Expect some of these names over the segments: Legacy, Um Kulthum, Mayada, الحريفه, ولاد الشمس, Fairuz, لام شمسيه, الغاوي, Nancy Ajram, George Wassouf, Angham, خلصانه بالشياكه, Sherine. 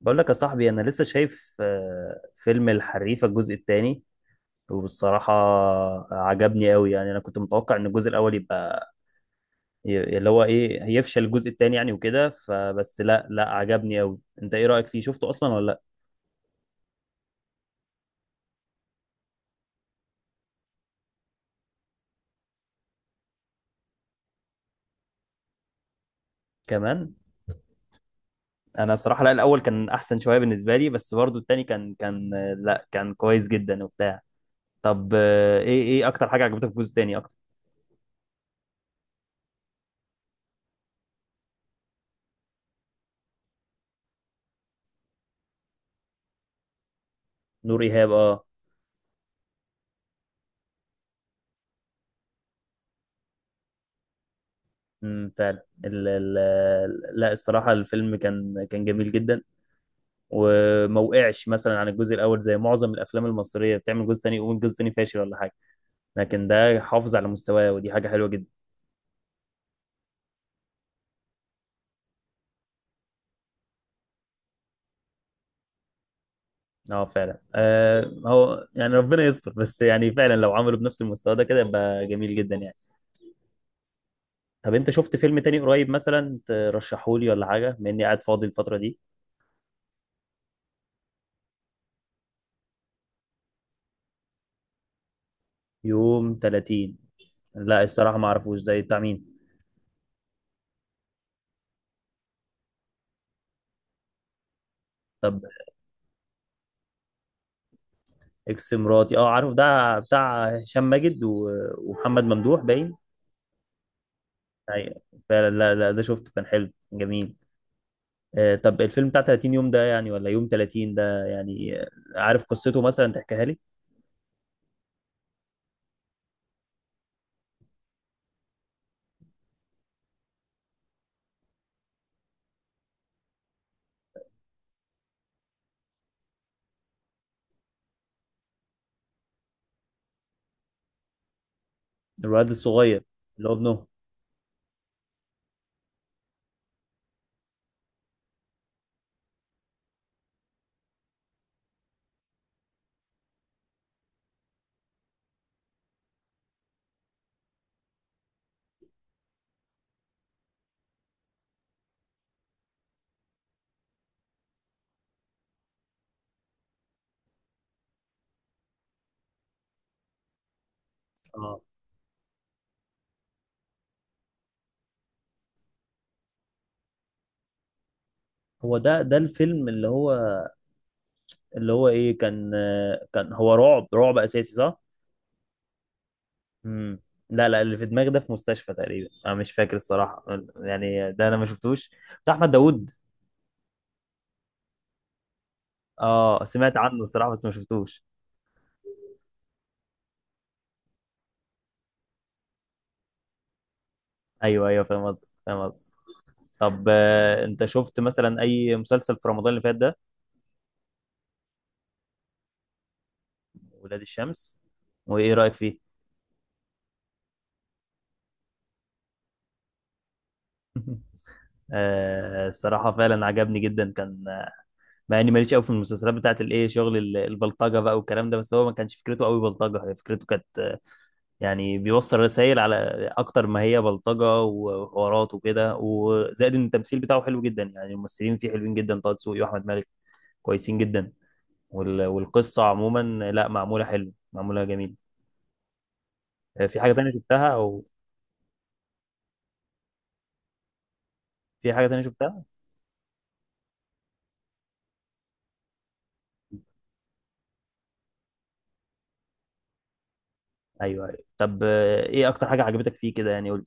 بقول لك يا صاحبي انا لسه شايف فيلم الحريفه الجزء الثاني. وبالصراحه عجبني قوي. يعني انا كنت متوقع ان الجزء الاول يبقى اللي هو ايه هيفشل الجزء الثاني يعني وكده، فبس لا لا عجبني قوي. انت ايه رايك فيه؟ شفته اصلا ولا لا؟ كمان انا الصراحه لا، الاول كان احسن شويه بالنسبه لي، بس برضو الثاني كان لا كان كويس جدا وبتاع. طب ايه اكتر حاجه عجبتك في الجزء الثاني اكتر؟ نور ايهاب اه. فعلا. ال ال لا الصراحه الفيلم كان جميل جدا، وما وقعش مثلا عن الجزء الاول زي معظم الافلام المصريه بتعمل جزء تاني يقوم الجزء التاني فاشل ولا حاجه، لكن ده حافظ على مستواه ودي حاجه حلوه جدا. اه فعلا. هو يعني ربنا يستر، بس يعني فعلا لو عملوا بنفس المستوى ده كده يبقى جميل جدا يعني. طب انت شفت فيلم تاني قريب مثلا ترشحه لي ولا حاجه، بما اني قاعد فاضي الفتره دي؟ يوم 30؟ لا الصراحه ما اعرفوش ده بتاع مين. طب اكس مراتي، اه عارف، ده بتاع هشام ماجد ومحمد ممدوح باين. أيوة. فعلا، لا لا ده شفته كان حلو جميل. طب الفيلم بتاع 30 يوم ده يعني ولا يوم 30 ده يعني؟ عارف قصته مثلا تحكيها لي؟ الولد الصغير. اللي هو ابنه. اه هو ده الفيلم اللي هو ايه، كان كان هو رعب، رعب اساسي صح؟ امم لا لا، اللي في دماغي ده في مستشفى تقريبا، انا مش فاكر الصراحة. يعني ده انا ما شفتوش. بتاع احمد داوود؟ اه سمعت عنه الصراحة بس ما شفتوش. ايوه ايوه فاهم قصدك، فاهم قصدك. طب انت شفت مثلا اي مسلسل في رمضان اللي فات ده؟ ولاد الشمس، وايه رأيك فيه؟ الصراحة فعلا عجبني جدا كان. مع اني ماليش قوي في المسلسلات بتاعت الايه، شغل البلطجة بقى والكلام ده، بس هو ما كانش فكرته قوي بلطجة، هي فكرته كانت يعني بيوصل رسائل على اكتر ما هي بلطجة وحوارات وكده، وزائد ان التمثيل بتاعه حلو جدا، يعني الممثلين فيه حلوين جدا، طه دسوقي واحمد مالك كويسين جدا. والقصة عموما لا معمولة حلو، معمولة جميل. آه، في حاجة تانية شفتها او في حاجة تانية شفتها؟ ايوه ايوه. طب ايه اكتر حاجة عجبتك فيه كده يعني؟ قول.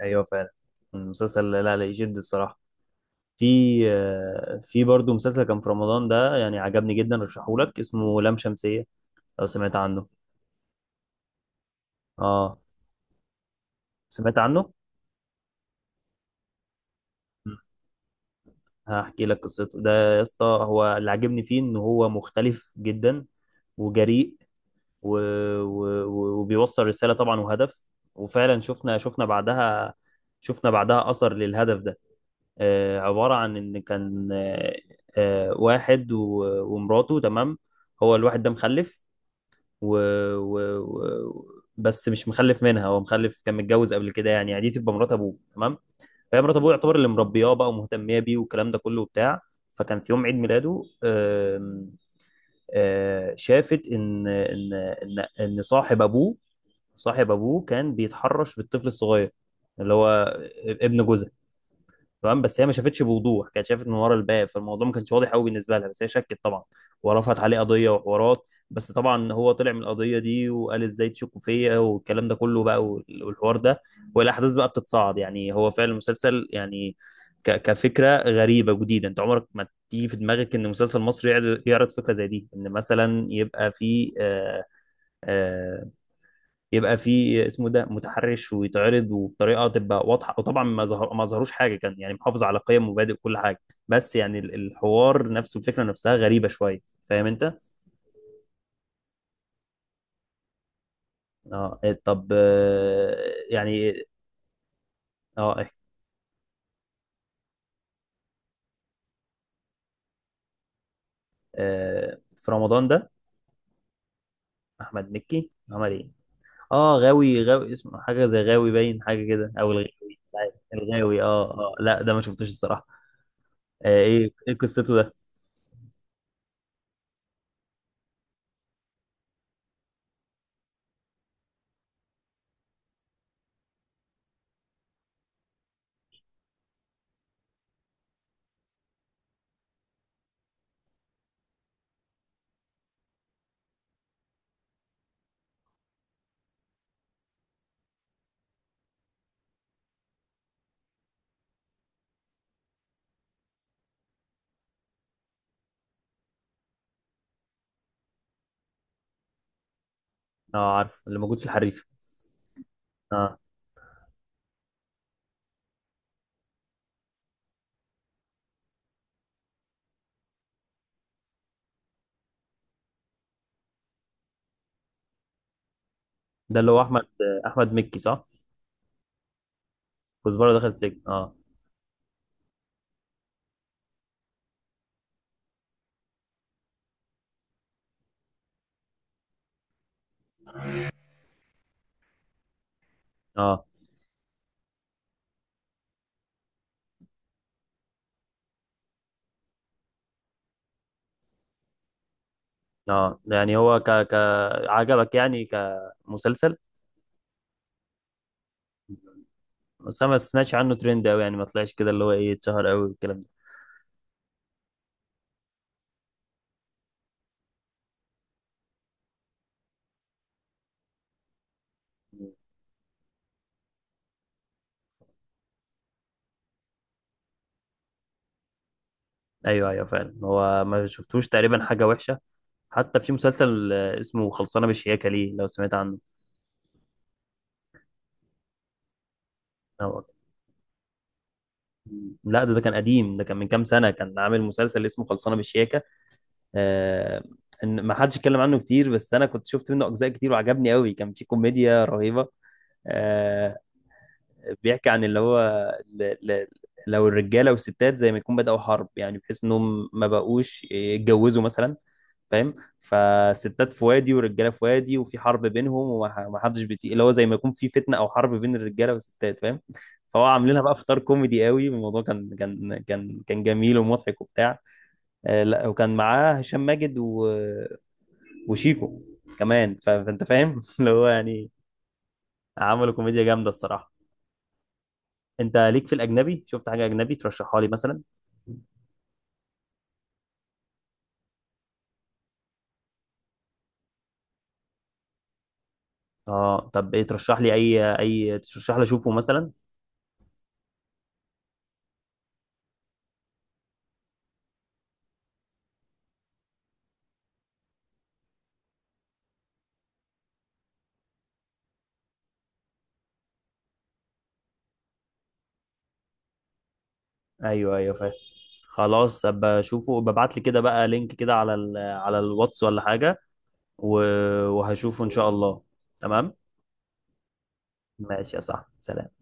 ايوه فعلا المسلسل لا لا يشد الصراحه. في برضه مسلسل كان في رمضان ده يعني عجبني جدا، رشحهولك، اسمه لام شمسيه، لو سمعت عنه. اه سمعت عنه. مم. هحكي لك قصته ده. يا اسطى هو اللي عجبني فيه ان هو مختلف جدا وجريء و... وبيوصل رساله طبعا وهدف. وفعلا شفنا بعدها، شفنا بعدها اثر للهدف ده. عبارة عن إن كان واحد ومراته تمام. هو الواحد ده مخلف و... بس مش مخلف منها، هو مخلف كان متجوز قبل كده يعني، يعني دي تبقى مرات أبوه تمام. فهي مرات أبوه يعتبر اللي مربياه بقى ومهتمية بيه والكلام ده كله وبتاع. فكان في يوم عيد ميلاده آم، آه، شافت إن صاحب أبوه، صاحب أبوه كان بيتحرش بالطفل الصغير، اللي هو ابن جوزها تمام. بس هي ما شافتش بوضوح، كانت شافت من ورا الباب، فالموضوع ما كانش واضح قوي بالنسبه لها، بس هي شكت طبعا. ورفعت عليه قضيه وحوارات، بس طبعا هو طلع من القضيه دي وقال ازاي تشكوا فيا والكلام ده كله بقى. والحوار ده والاحداث بقى بتتصاعد. يعني هو فعلا المسلسل يعني كفكره غريبه جديده، انت عمرك ما تيجي في دماغك ان مسلسل مصري يعرض فكره زي دي، ان مثلا آه، يبقى في اسمه ده متحرش ويتعرض وبطريقه تبقى واضحه. وطبعا ما ظهروش حاجه، كان يعني محافظ على قيم ومبادئ وكل حاجه، بس يعني الحوار نفسه الفكره نفسها غريبه شويه. فاهم انت؟ اه طب يعني اه إيه، آه، في رمضان ده احمد مكي عمل ايه؟ اه غاوي غاوي، اسمه حاجه زي غاوي باين، حاجه كده او الغاوي. مش عارف. الغاوي، اه اه لا ده ما شفتوش الصراحه. ايه قصته ده؟ اه عارف اللي موجود في الحريف. اه ده اللي هو احمد مكي صح؟ كزبره دخل السجن اه اه اه، يعني هو ك ك عجبك يعني كمسلسل؟ بس أنا ما سمعتش عنه ترند قوي يعني، ما طلعش كده اللي هو ايه اتشهر قوي والكلام ده. ايوه ايوه فعلا، هو ما شفتوش تقريبا حاجه وحشه. حتى في مسلسل اسمه خلصانه بالشياكه، ليه لو سمعت عنه؟ هو- لا ده كان قديم، ده كان من كام سنه كان عامل مسلسل اسمه خلصانه بالشياكه آه ان ما حدش اتكلم عنه كتير، بس انا كنت شفت منه اجزاء كتير وعجبني قوي، كان في كوميديا رهيبه. آه، بيحكي عن اللي هو ال- ال- لو الرجاله والستات زي ما يكون بدأوا حرب يعني، بحيث انهم ما بقوش يتجوزوا مثلا، فاهم؟ فالستات في وادي والرجاله في وادي، وفي حرب بينهم وما حدش بيطيق، اللي هو زي ما يكون في فتنه او حرب بين الرجاله والستات فاهم؟ فهو عاملينها بقى في اطار كوميدي قوي، الموضوع كان جميل ومضحك وبتاع. لا وكان معاه هشام ماجد وشيكو كمان. فانت فاهم اللي هو يعني، عملوا كوميديا جامده الصراحه. انت ليك في الاجنبي، شفت حاجه اجنبي ترشحها لي مثلا؟ اه طب ايه ترشح لي، اشوفه مثلا؟ ايوه ايوه فاهم. خلاص، ابقى اشوفه. ببعت لي كده بقى لينك كده على على الواتس ولا حاجه، و... وهشوفه ان شاء الله. تمام ماشي يا صاحبي سلام.